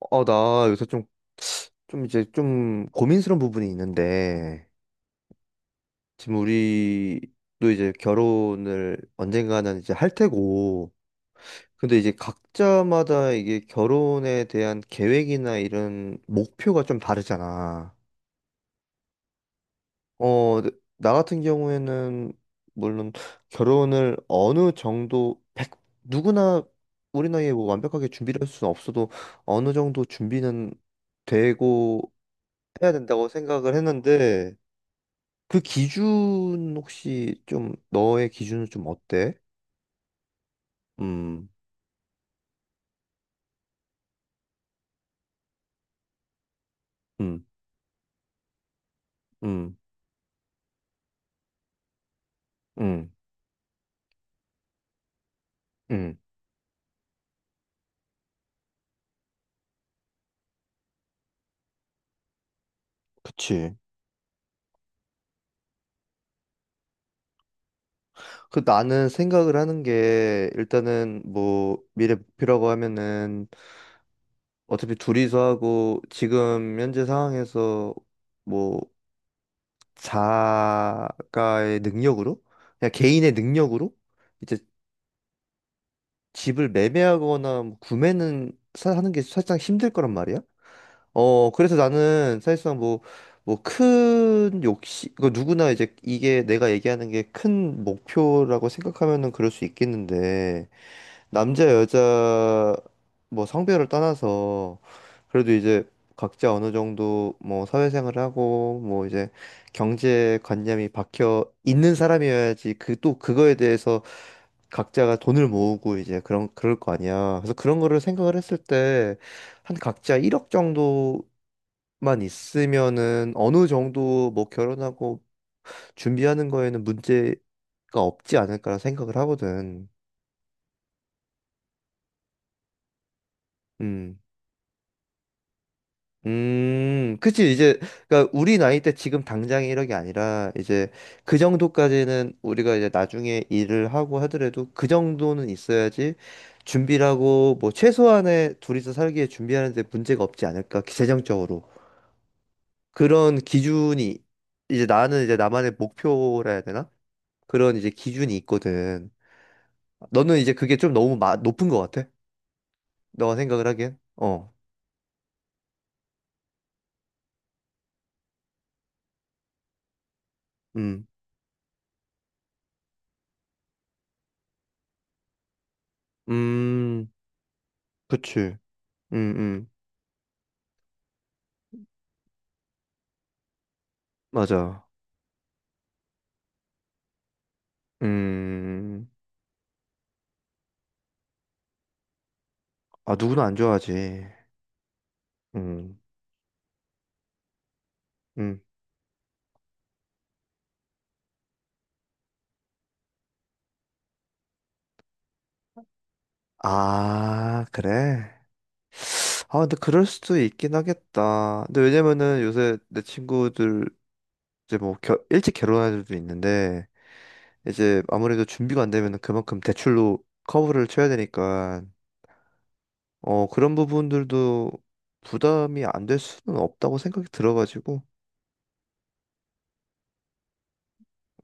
나 요새 좀, 좀 이제 좀 고민스러운 부분이 있는데, 지금 우리도 이제 결혼을 언젠가는 이제 할 테고, 근데 이제 각자마다 이게 결혼에 대한 계획이나 이런 목표가 좀 다르잖아. 어, 나 같은 경우에는, 물론 결혼을 어느 정도, 누구나 우리 나이에 뭐 완벽하게 준비를 할 수는 없어도 어느 정도 준비는 되고 해야 된다고 생각을 했는데, 그 기준 혹시 좀 너의 기준은 좀 어때? 음, 음, 음, 음, 음. 그치. 그 나는 생각을 하는 게 일단은 뭐 미래 목표라고 하면은 어차피 둘이서 하고 지금 현재 상황에서 뭐 자가의 능력으로 그냥 개인의 능력으로 이제 집을 매매하거나 뭐 구매는 하는 게 사실상 힘들 거란 말이야. 그래서 나는 사실상 뭐 큰 욕심, 그 누구나 이제 이게 내가 얘기하는 게 큰 목표라고 생각하면은 그럴 수 있겠는데, 남자, 여자, 뭐 성별을 떠나서, 그래도 이제 각자 어느 정도 뭐 사회생활을 하고, 뭐 이제 경제관념이 박혀 있는 사람이어야지 그 또 그거에 대해서 각자가 돈을 모으고 이제 그런 그럴 거 아니야. 그래서 그런 거를 생각을 했을 때 한 각자 1억 정도 만 있으면은 어느 정도 뭐 결혼하고 준비하는 거에는 문제가 없지 않을까라 생각을 하거든. 음. 그치, 이제, 그니까, 우리 나이 때 지금 당장 이런 게 아니라, 이제, 그 정도까지는 우리가 이제 나중에 일을 하고 하더라도, 그 정도는 있어야지, 준비라고, 뭐, 최소한의 둘이서 살기에 준비하는데 문제가 없지 않을까, 재정적으로. 그런 기준이, 이제 나는 이제 나만의 목표라 해야 되나? 그런 이제 기준이 있거든. 너는 이제 그게 좀 너무 높은 것 같아? 너가 생각을 하기엔? 음, 음, 그치. 음, 음, 맞아. 음, 아, 누구나 안 좋아하지. 음, 음. 아, 그래? 아, 근데 그럴 수도 있긴 하겠다. 근데 왜냐면은 요새 내 친구들 이제 뭐 일찍 결혼한 애들도 있는데 이제 아무래도 준비가 안 되면은 그만큼 대출로 커버를 쳐야 되니까 그런 부분들도 부담이 안될 수는 없다고 생각이 들어가지고,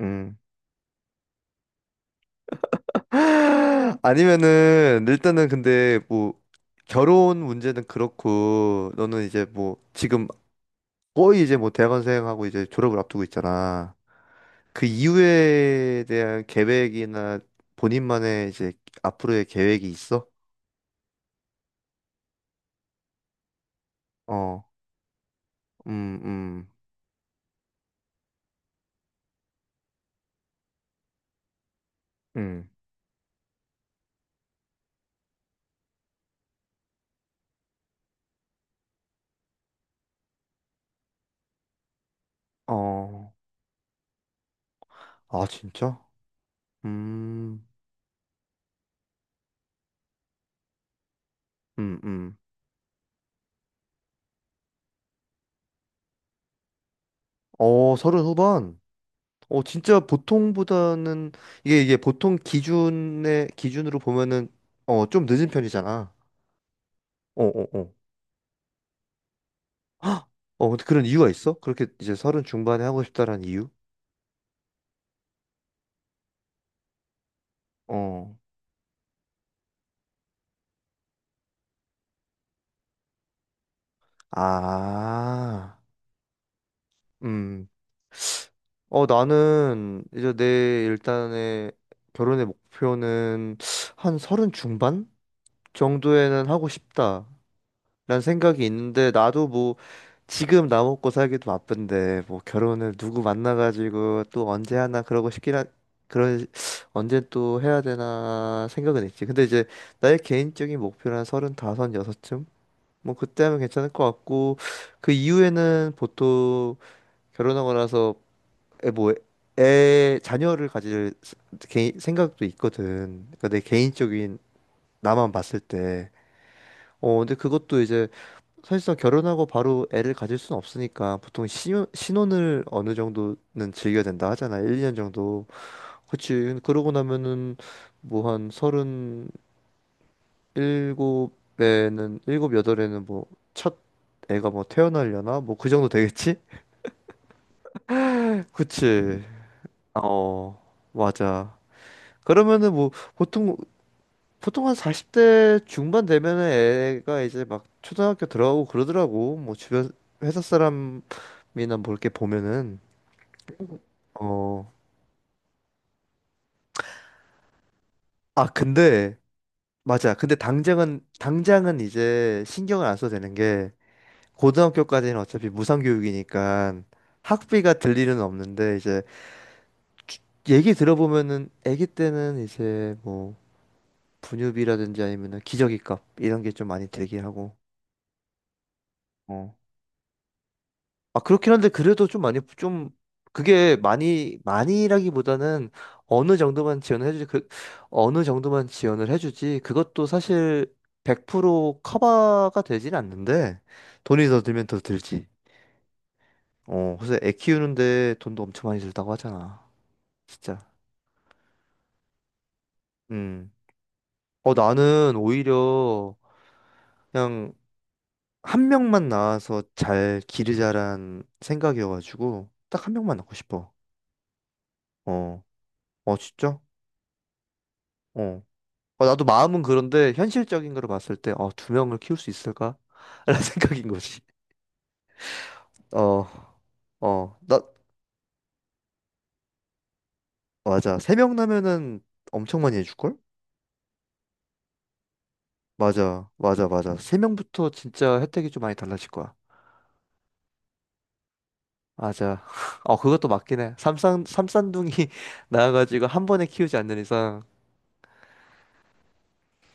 음. 아니면은, 일단은 근데 뭐, 결혼 문제는 그렇고, 너는 이제 뭐, 지금 거의 이제 뭐, 대학원생하고 이제 졸업을 앞두고 있잖아. 그 이후에 대한 계획이나 본인만의 이제 앞으로의 계획이 있어? 어, 음, 음, 음. 어, 아, 진짜? 음, 음, 음. 어, 서른 후반? 어, 진짜 보통보다는 이게 보통 기준의 기준으로 보면은 좀 늦은 편이잖아. 어, 어, 어. 헉! 어, 근데 그런 이유가 있어? 그렇게 이제 서른 중반에 하고 싶다라는 이유? 어. 아. 음. 나는 이제 내 일단의 결혼의 목표는 한 서른 중반 정도에는 하고 싶다. 라는 생각이 있는데 나도 뭐 지금 나 먹고 살기도 바쁜데 뭐 결혼을 누구 만나가지고 또 언제 하나 그러고 싶긴 한 그런 언제 또 해야 되나 생각은 있지. 근데 이제 나의 개인적인 목표는 한 서른다섯, 여섯쯤? 뭐 그때 하면 괜찮을 것 같고 그 이후에는 보통 결혼하고 나서 애 뭐 애 자녀를 가질 생각도 있거든. 그러니까 내 개인적인 나만 봤을 때. 근데 그것도 이제 사실상 결혼하고 바로 애를 가질 수는 없으니까 보통 신혼을 어느 정도는 즐겨야 된다 하잖아. 1년 정도. 그치. 그러고 나면은 뭐 한 서른 일곱에는 일곱 여덟에는 뭐 첫 애가 뭐 태어나려나? 뭐 그 정도 되겠지? 그치. 음. 어, 맞아. 그러면은 뭐 보통 보통 한 40대 중반 되면은 애가 이제 막 초등학교 들어가고 그러더라고. 뭐 주변 회사 사람이나 뭐 이렇게 보면은 어, 아, 근데, 맞아. 근데 당장은 이제 신경을 안 써도 되는 게, 고등학교까지는 어차피 무상교육이니까 학비가 들 일은 없는데, 이제, 주- 얘기 들어보면은, 아기 때는 이제 뭐, 분유비라든지 아니면은 기저귀값, 이런 게 좀 많이 들긴 하고, 어. 아, 그렇긴 한데, 그래도 좀 많이, 좀, 그게 많이, 많이라기보다는 어느 정도만 지원을 해주지, 그, 어느 정도만 지원을 해주지, 그것도 사실 100% 커버가 되진 않는데, 돈이 더 들면 더 들지. 그래서 애 키우는데 돈도 엄청 많이 들다고 하잖아. 진짜. 음. 나는 오히려 그냥 한 명만 낳아서 잘 기르자란 생각이어가지고, 딱 한 명만 낳고 싶어. 어, 어, 진짜? 어. 어, 나도 마음은 그런데 현실적인 거로 봤을 때, 두 명을 키울 수 있을까? 라는 생각인 거지. 어, 어, 나, 맞아. 세 명 나면은 엄청 많이 해줄걸? 맞아, 맞아, 맞아. 세 명부터 진짜 혜택이 좀 많이 달라질 거야. 맞아. 그것도 맞긴 해. 삼산둥이 나와가지고 한 번에 키우지 않는 이상.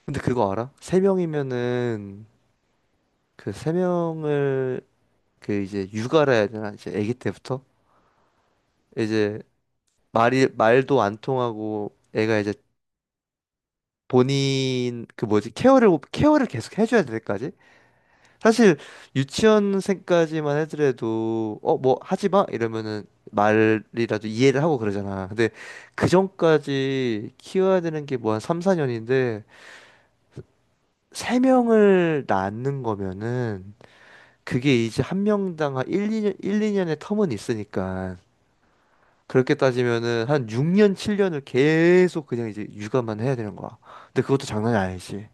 근데 그거 알아? 세 명이면은, 그 세 명을, 그 이제 육아라 해야 되나? 이제 아기 때부터? 이제 말이, 말도 안 통하고, 애가 이제 본인 그 뭐지 케어를 계속 해줘야 될 때까지 사실 유치원생까지만 해더라도 어 뭐 하지 마 이러면은 말이라도 이해를 하고 그러잖아. 근데 그 전까지 키워야 되는 게 뭐 한 3, 4년인데, 세명을 낳는 거면은 그게 이제 한 명당 한 일 이년 1, 2년의 텀은 있으니까, 그렇게 따지면은 한 6년, 7년을 계속 그냥 이제 육아만 해야 되는 거야. 근데 그것도 장난이 아니지.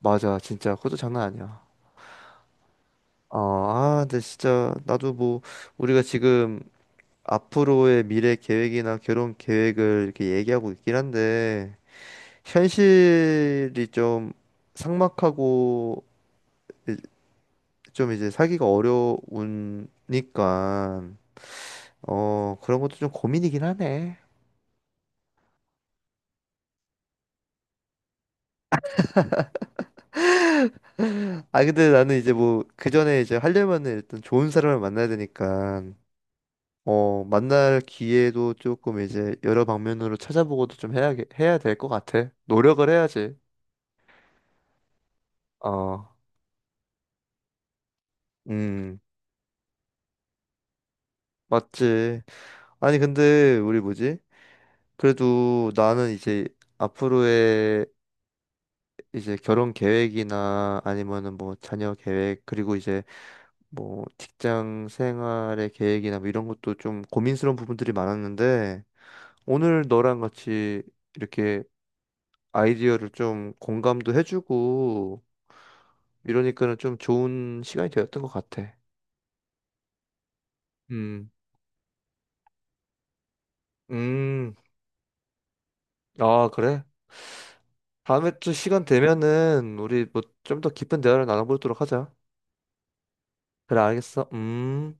맞아, 진짜 그것도 장난 아니야. 아, 근데 진짜 나도 뭐 우리가 지금 앞으로의 미래 계획이나 결혼 계획을 이렇게 얘기하고 있긴 한데 현실이 좀 삭막하고 이- 좀 이제 살기가 어려우니까 그런 것도 좀 고민이긴 하네. 아, 근데 나는 이제 뭐 그 전에 이제 하려면은 일단 좋은 사람을 만나야 되니까 만날 기회도 조금 이제 여러 방면으로 찾아보고도 좀 해야 될 것 같아. 노력을 해야지. 어, 음, 맞지. 아니, 근데 우리 뭐지? 그래도 나는 이제 앞으로의 이제 결혼 계획이나 아니면은 뭐 자녀 계획, 그리고 이제 뭐 직장 생활의 계획이나 뭐 이런 것도 좀 고민스러운 부분들이 많았는데 오늘 너랑 같이 이렇게 아이디어를 좀 공감도 해주고 이러니까는 좀 좋은 시간이 되었던 것 같아. 음, 음, 아, 그래? 다음에 또 시간 되면은 우리 뭐 좀 더 깊은 대화를 나눠보도록 하자. 그래, 알겠어. 음.